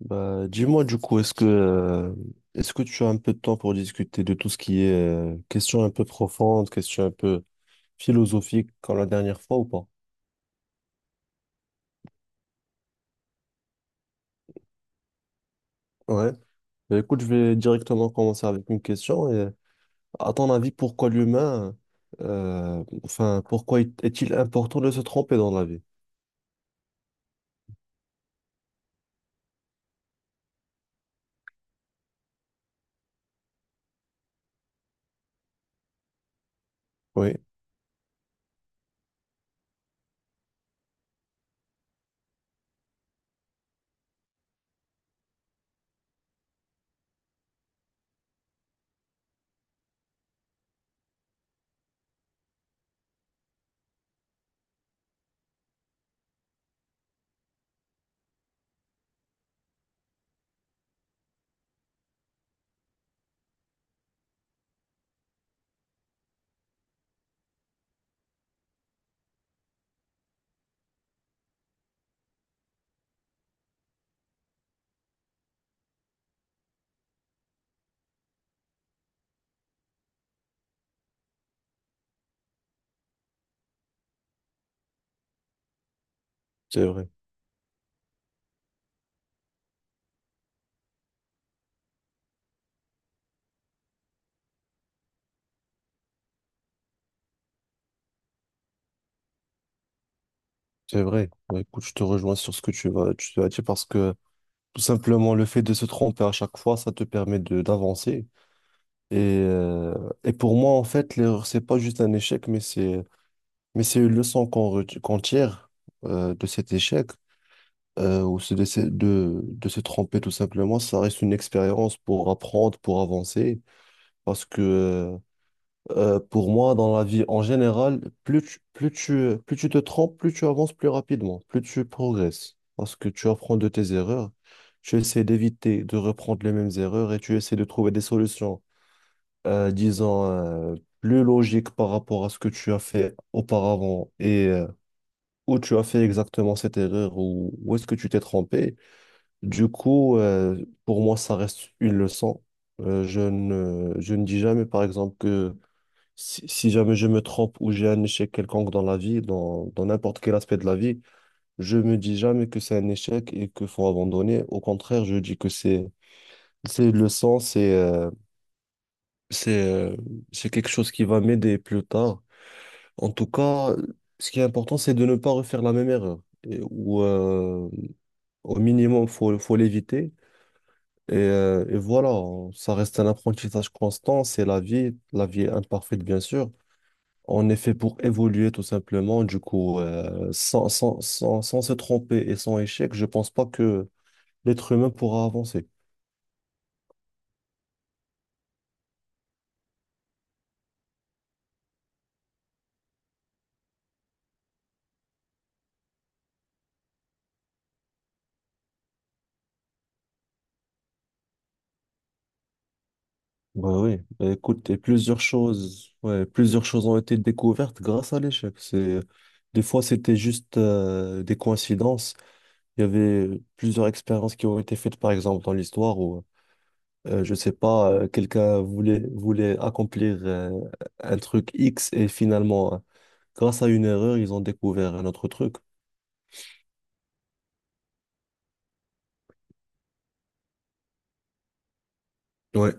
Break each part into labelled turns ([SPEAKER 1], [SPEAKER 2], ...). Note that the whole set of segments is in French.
[SPEAKER 1] Bah, dis-moi du coup, est-ce que tu as un peu de temps pour discuter de tout ce qui est question un peu profonde, question un peu philosophique comme la dernière fois ou pas? Ouais. Bah, écoute, je vais directement commencer avec une question. Et, à ton avis, pourquoi l'humain, enfin, pourquoi est-il important de se tromper dans la vie? Oui, c'est vrai, c'est vrai. Bah, écoute, je te rejoins sur ce que tu as dit parce que tout simplement le fait de se tromper à chaque fois, ça te permet de d'avancer. Et, euh, et pour moi, en fait, l'erreur, c'est pas juste un échec, mais c'est une leçon qu'on tire de cet échec, ou c'est de se tromper tout simplement. Ça reste une expérience pour apprendre, pour avancer. Parce que Pour moi, dans la vie en général, plus tu te trompes, plus tu avances plus rapidement, plus tu progresses. Parce que tu apprends de tes erreurs, tu essaies d'éviter de reprendre les mêmes erreurs et tu essaies de trouver des solutions disons, plus logique par rapport à ce que tu as fait auparavant et où tu as fait exactement cette erreur ou où est-ce que tu t'es trompé. Du coup, pour moi, ça reste une leçon. Je ne dis jamais, par exemple, que si jamais je me trompe ou j'ai un échec quelconque dans la vie, dans n'importe quel aspect de la vie, je me dis jamais que c'est un échec et qu'il faut abandonner. Au contraire, je dis que c'est une leçon, c'est, euh, c'est quelque chose qui va m'aider plus tard. En tout cas, ce qui est important, c'est de ne pas refaire la même erreur. Et- ou Au minimum, faut l'éviter. Et voilà, ça reste un apprentissage constant, c'est la vie. La vie est imparfaite, bien sûr. On est fait pour évoluer tout simplement. Du coup, sans se tromper et sans échec, je pense pas que l'être humain pourra avancer. Bah oui, bah écoute, et plusieurs choses, ouais, plusieurs choses ont été découvertes grâce à l'échec. Des fois, c'était juste des coïncidences. Il y avait plusieurs expériences qui ont été faites, par exemple, dans l'histoire où, je sais pas, quelqu'un voulait accomplir un truc X et finalement, grâce à une erreur, ils ont découvert un autre truc. Ouais,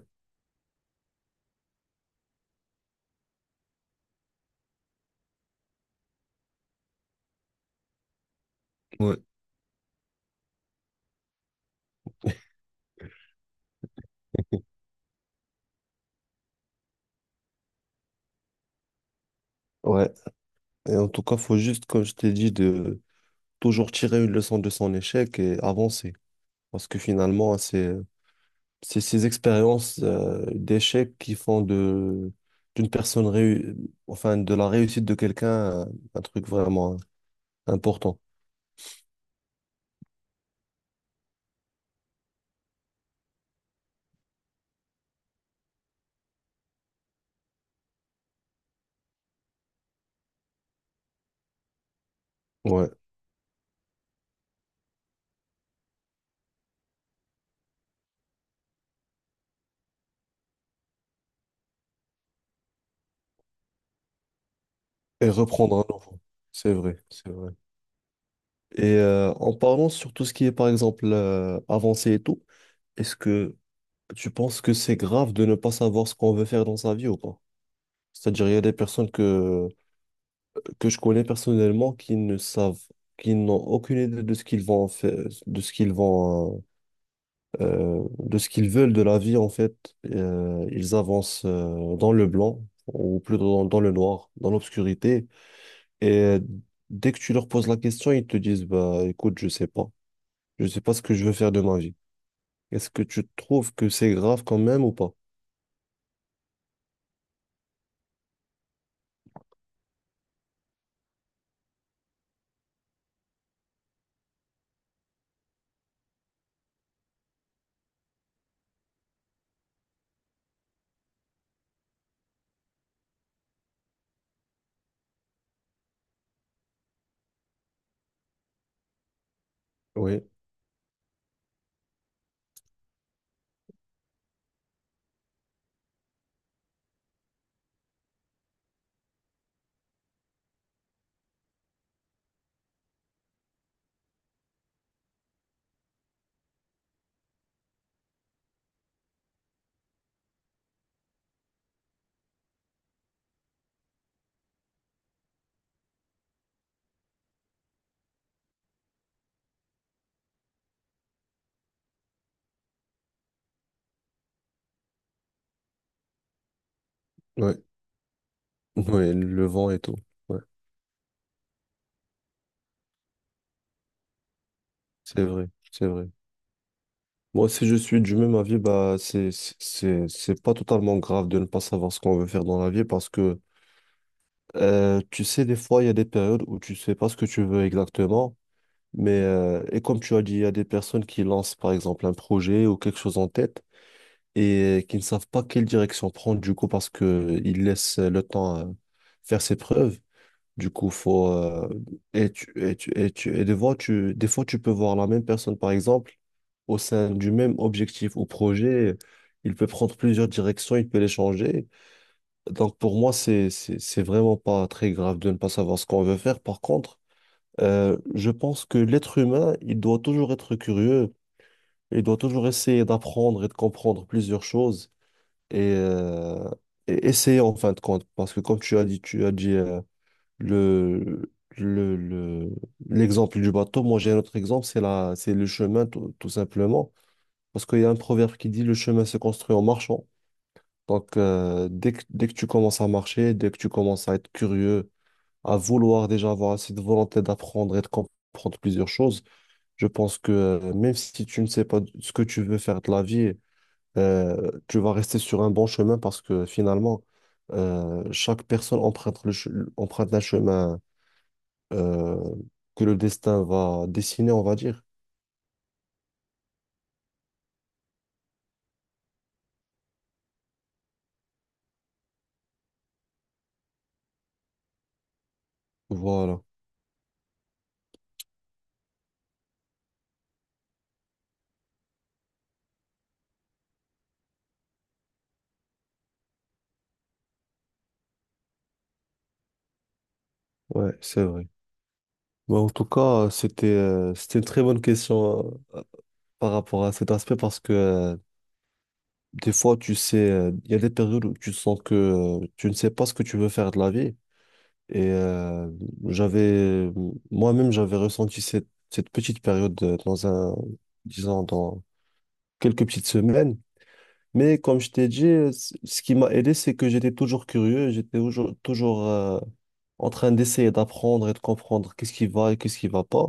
[SPEAKER 1] ouais. Ouais. Et en tout cas, faut juste, comme je t'ai dit, de toujours tirer une leçon de son échec et avancer. Parce que finalement, c'est ces expériences d'échec qui font de, d'une personne, enfin, de la réussite de quelqu'un, un truc vraiment, hein, important. Ouais. Et reprendre un enfant. C'est vrai, c'est vrai. En parlant sur tout ce qui est, par exemple, avancé et tout, est-ce que tu penses que c'est grave de ne pas savoir ce qu'on veut faire dans sa vie ou pas? C'est-à-dire, il y a des personnes que je connais personnellement qui ne savent, qui n'ont aucune idée de ce qu'ils vont faire, de ce qu'ils vont, de ce qu'ils veulent de la vie, en fait, ils avancent dans le blanc, ou plutôt dans le noir, dans l'obscurité. Et euh, Dès que tu leur poses la question, ils te disent, bah, écoute, je sais pas. Je sais pas ce que je veux faire de ma vie. Est-ce que tu trouves que c'est grave quand même ou pas? Oui, oui, oui, le vent et tout. Ouais, c'est vrai, c'est vrai. Moi, si je suis du même avis, bah, c'est pas totalement grave de ne pas savoir ce qu'on veut faire dans la vie parce que tu sais, des fois, il y a des périodes où tu sais pas ce que tu veux exactement, et comme tu as dit, il y a des personnes qui lancent par exemple un projet ou quelque chose en tête et qui ne savent pas quelle direction prendre du coup parce que ils laissent le temps faire ses preuves. Du coup, faut et tu et tu et tu et des fois tu peux voir la même personne par exemple au sein du même objectif ou projet, il peut prendre plusieurs directions, il peut les changer. Donc pour moi, c'est vraiment pas très grave de ne pas savoir ce qu'on veut faire. Par contre, je pense que l'être humain, il doit toujours être curieux, il doit toujours essayer d'apprendre et de comprendre plusieurs choses et, euh, et essayer en fin de compte. Parce que comme tu as dit le, le, le- l'exemple du bateau, moi j'ai un autre exemple, c'est le chemin tout, tout simplement. Parce qu'il y a un proverbe qui dit le chemin se construit en marchant. Donc, dès que tu commences à marcher, dès que tu commences à être curieux, à vouloir déjà avoir assez de volonté d'apprendre et de comprendre plusieurs choses, je pense que même si tu ne sais pas ce que tu veux faire de la vie, tu vas rester sur un bon chemin parce que finalement, chaque personne emprunte un chemin euh, que le destin va dessiner, on va dire. Voilà, ouais, c'est vrai. Bah, en tout cas, c'était une très bonne question par rapport à cet aspect parce que... des fois, tu sais, il y a des périodes où tu sens que tu ne sais pas ce que tu veux faire de la vie. Et euh, j'avais, Moi-même, j'avais ressenti cette petite période dans un, disons, dans quelques petites semaines. Mais comme je t'ai dit, ce qui m'a aidé, c'est que j'étais toujours curieux, toujours en train d'essayer d'apprendre et de comprendre qu'est-ce qui va et qu'est-ce qui va pas.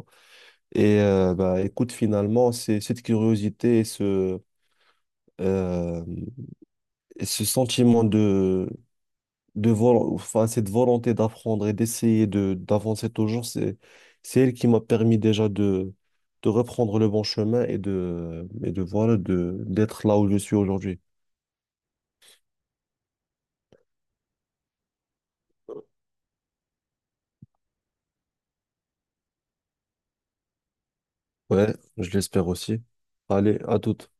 [SPEAKER 1] Et bah, écoute, finalement, c'est cette curiosité euh, et ce sentiment de enfin, cette volonté d'apprendre et d'essayer de d'avancer toujours, c'est elle qui m'a permis déjà de reprendre le bon chemin et de voilà de d'être là où je suis aujourd'hui. Ouais, je l'espère aussi. Allez, à toute.